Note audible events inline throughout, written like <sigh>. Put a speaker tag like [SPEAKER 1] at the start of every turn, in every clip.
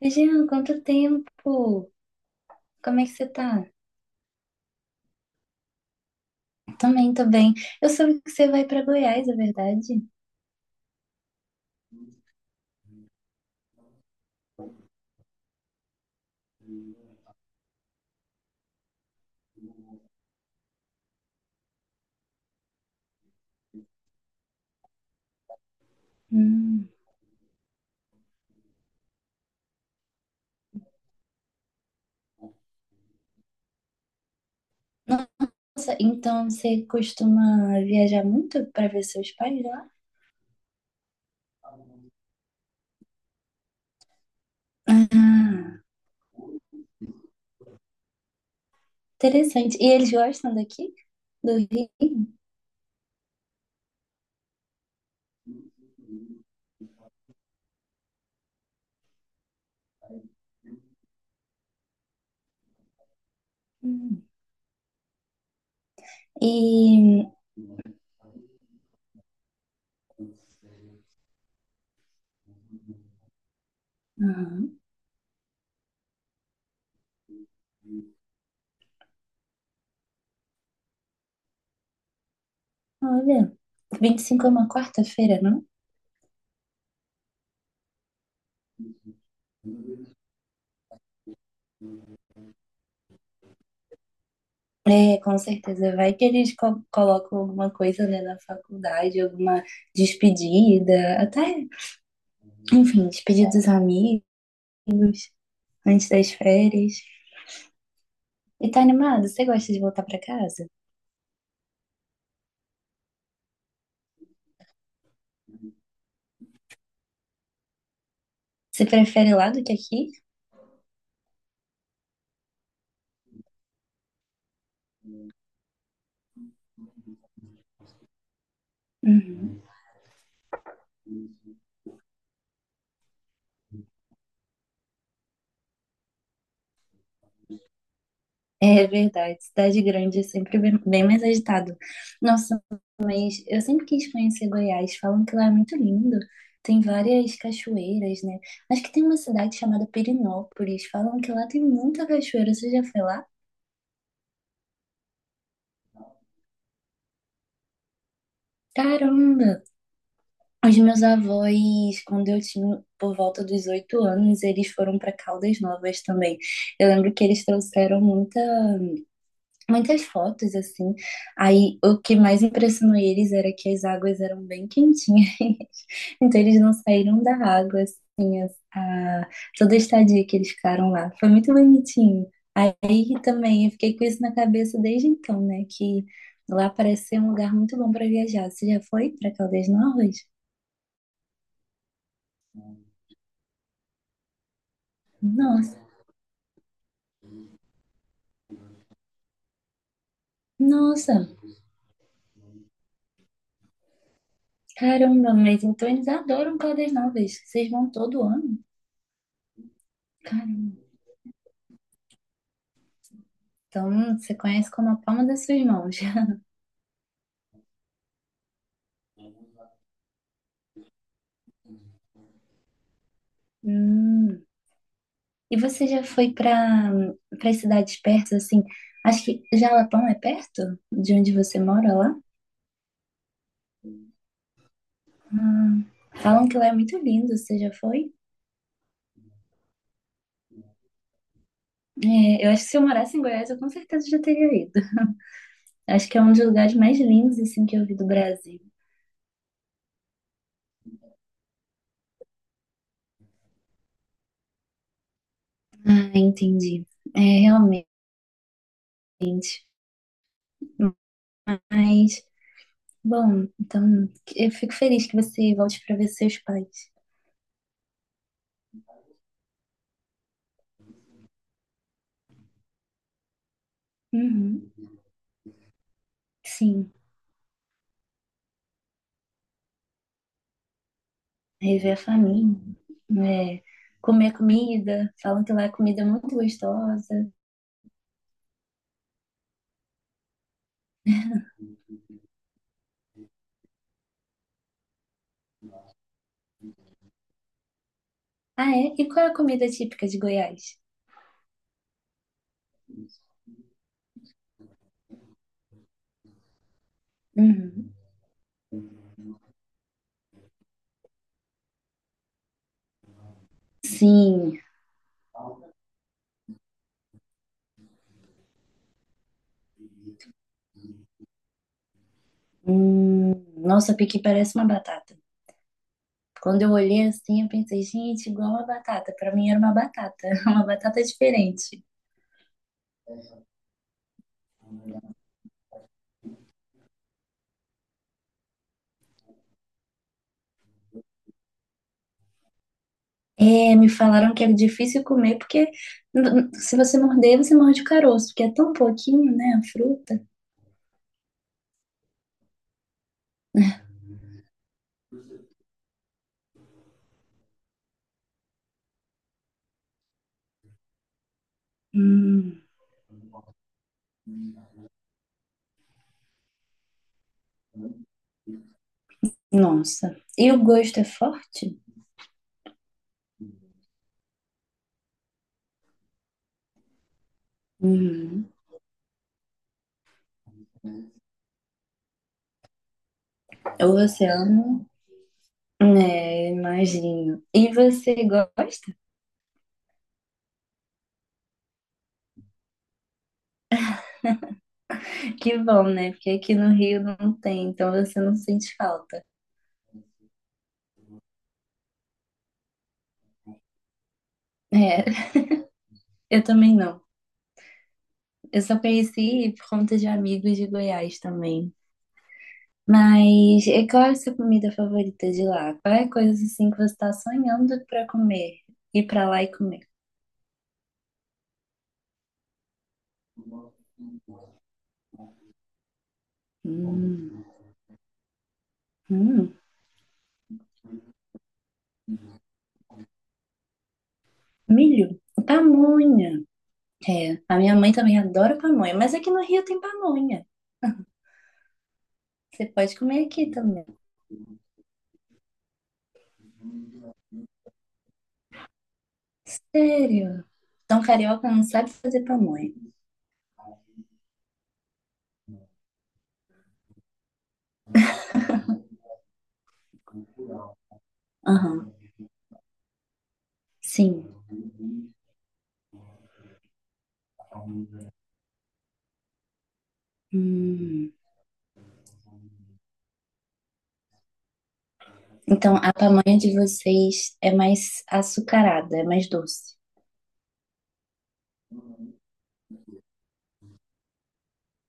[SPEAKER 1] Jean, quanto tempo? Como é que você tá? Também, tô bem. Eu soube que você vai pra Goiás, é verdade? Hum. Nossa, então você costuma viajar muito pra ver seus pais lá? Ah, interessante. E eles gostam daqui? Do Rio? Hum. E, ah, olha, 25 é uma quarta-feira, não? É, com certeza. Vai que eles colocam alguma coisa, né, na faculdade, alguma despedida. Até enfim, despedir dos amigos, antes das férias. E tá animado? Você gosta de voltar pra casa? Você prefere lá do que aqui? Uhum. É verdade, cidade grande é sempre bem bem mais agitado. Nossa, mas eu sempre quis conhecer Goiás. Falam que lá é muito lindo. Tem várias cachoeiras, né? Acho que tem uma cidade chamada Perinópolis. Falam que lá tem muita cachoeira. Você já foi lá? Caramba! Os meus avós, quando eu tinha por volta dos 8 anos, eles foram para Caldas Novas também. Eu lembro que eles trouxeram muitas fotos assim. Aí o que mais impressionou eles era que as águas eram bem quentinhas, <laughs> então eles não saíram da água assim, toda a estadia que eles ficaram lá. Foi muito bonitinho. Aí também eu fiquei com isso na cabeça desde então, né? Que lá parece ser um lugar muito bom para viajar. Você já foi para Caldas Novas? Nossa. Nossa, caramba, mas então eles adoram Caldas Novas. Vocês vão todo ano? Caramba. Então você conhece como a palma das suas mãos. Hum. E você já foi para cidades perto, assim? Acho que Jalapão é perto de onde você mora lá? Hum. Falam que lá é muito lindo. Você já foi? É, eu acho que se eu morasse em Goiás, eu com certeza já teria ido. Acho que é um dos lugares mais lindos, assim, que eu vi do Brasil. Ah, entendi. É, realmente. Mas, bom, então eu fico feliz que você volte para ver seus pais. Uhum, sim, rever a família, né? Comer comida, falam que lá a comida é muito gostosa. Ah, é? E qual é a comida típica de Goiás? Uhum. Sim, hum, nossa, piqui parece uma batata. Quando eu olhei assim, eu pensei, gente, igual uma batata. Para mim era uma batata, <laughs> uma batata diferente. É, me falaram que era difícil comer, porque se você morder, você morde o caroço, porque é tão pouquinho, né, a fruta. Hum, nossa. E o gosto é forte? Uhum. Ou você ama? É, imagino. E você gosta? Que bom, né? Porque aqui no Rio não tem, então você não sente falta. É, <laughs> eu também não. Eu só conheci por conta de amigos de Goiás também. Mas e qual é a sua comida favorita de lá? Qual é a coisa assim que você está sonhando para comer? Ir para lá e comer? Hum, hum, milho, pamonha. É, a minha mãe também adora pamonha, mas aqui no Rio tem pamonha. Você pode comer aqui também. Sério? Então carioca não sabe fazer pamonha. Aham, sim. Hum. Então a pamonha de vocês é mais açucarada, é mais doce.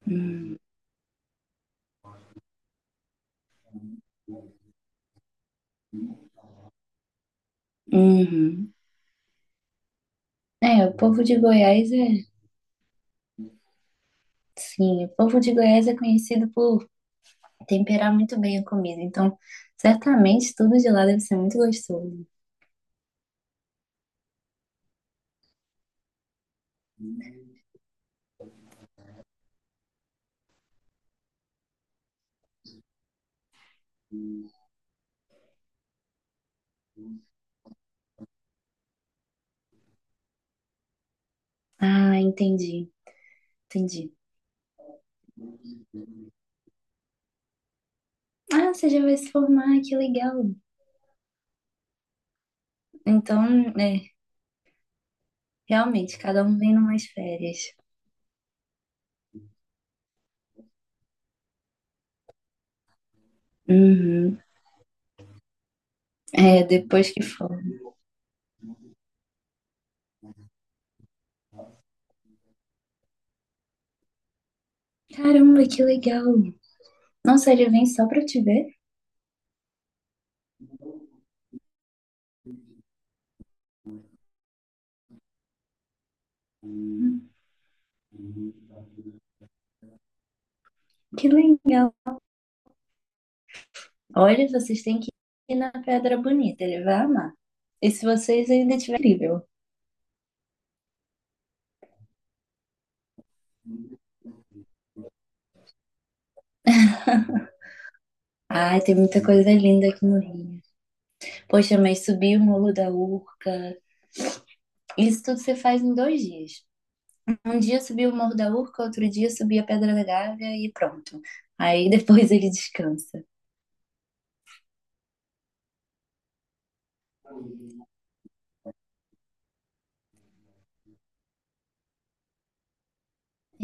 [SPEAKER 1] Hum. Uhum. É, o povo de Goiás é, sim, o povo de Goiás é conhecido por temperar muito bem a comida, então certamente tudo de lá deve ser muito gostoso. Ah, entendi, entendi. Ah, você já vai se formar, que legal. Então, é, realmente, cada um vem numas férias. Uhum. É, depois que for. Caramba, que legal. Nossa, ele vem só pra te ver? Hum, Que legal. Olha, vocês têm que ir na Pedra Bonita, ele vai amar. E se vocês ainda tiverem livre, ai, tem muita coisa linda aqui no Rio. Poxa, mas subir o Morro da Urca, isso tudo você faz em 2 dias. Um dia subir o Morro da Urca, outro dia subir a Pedra da Gávea e pronto. Aí <laughs> depois ele descansa.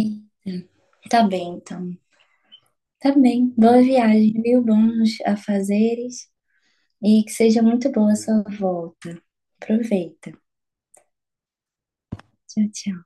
[SPEAKER 1] E tá bem, então. Tá bem. Boa viagem, viu? Bons afazeres e que seja muito boa a sua volta. Aproveita. Tchau, tchau.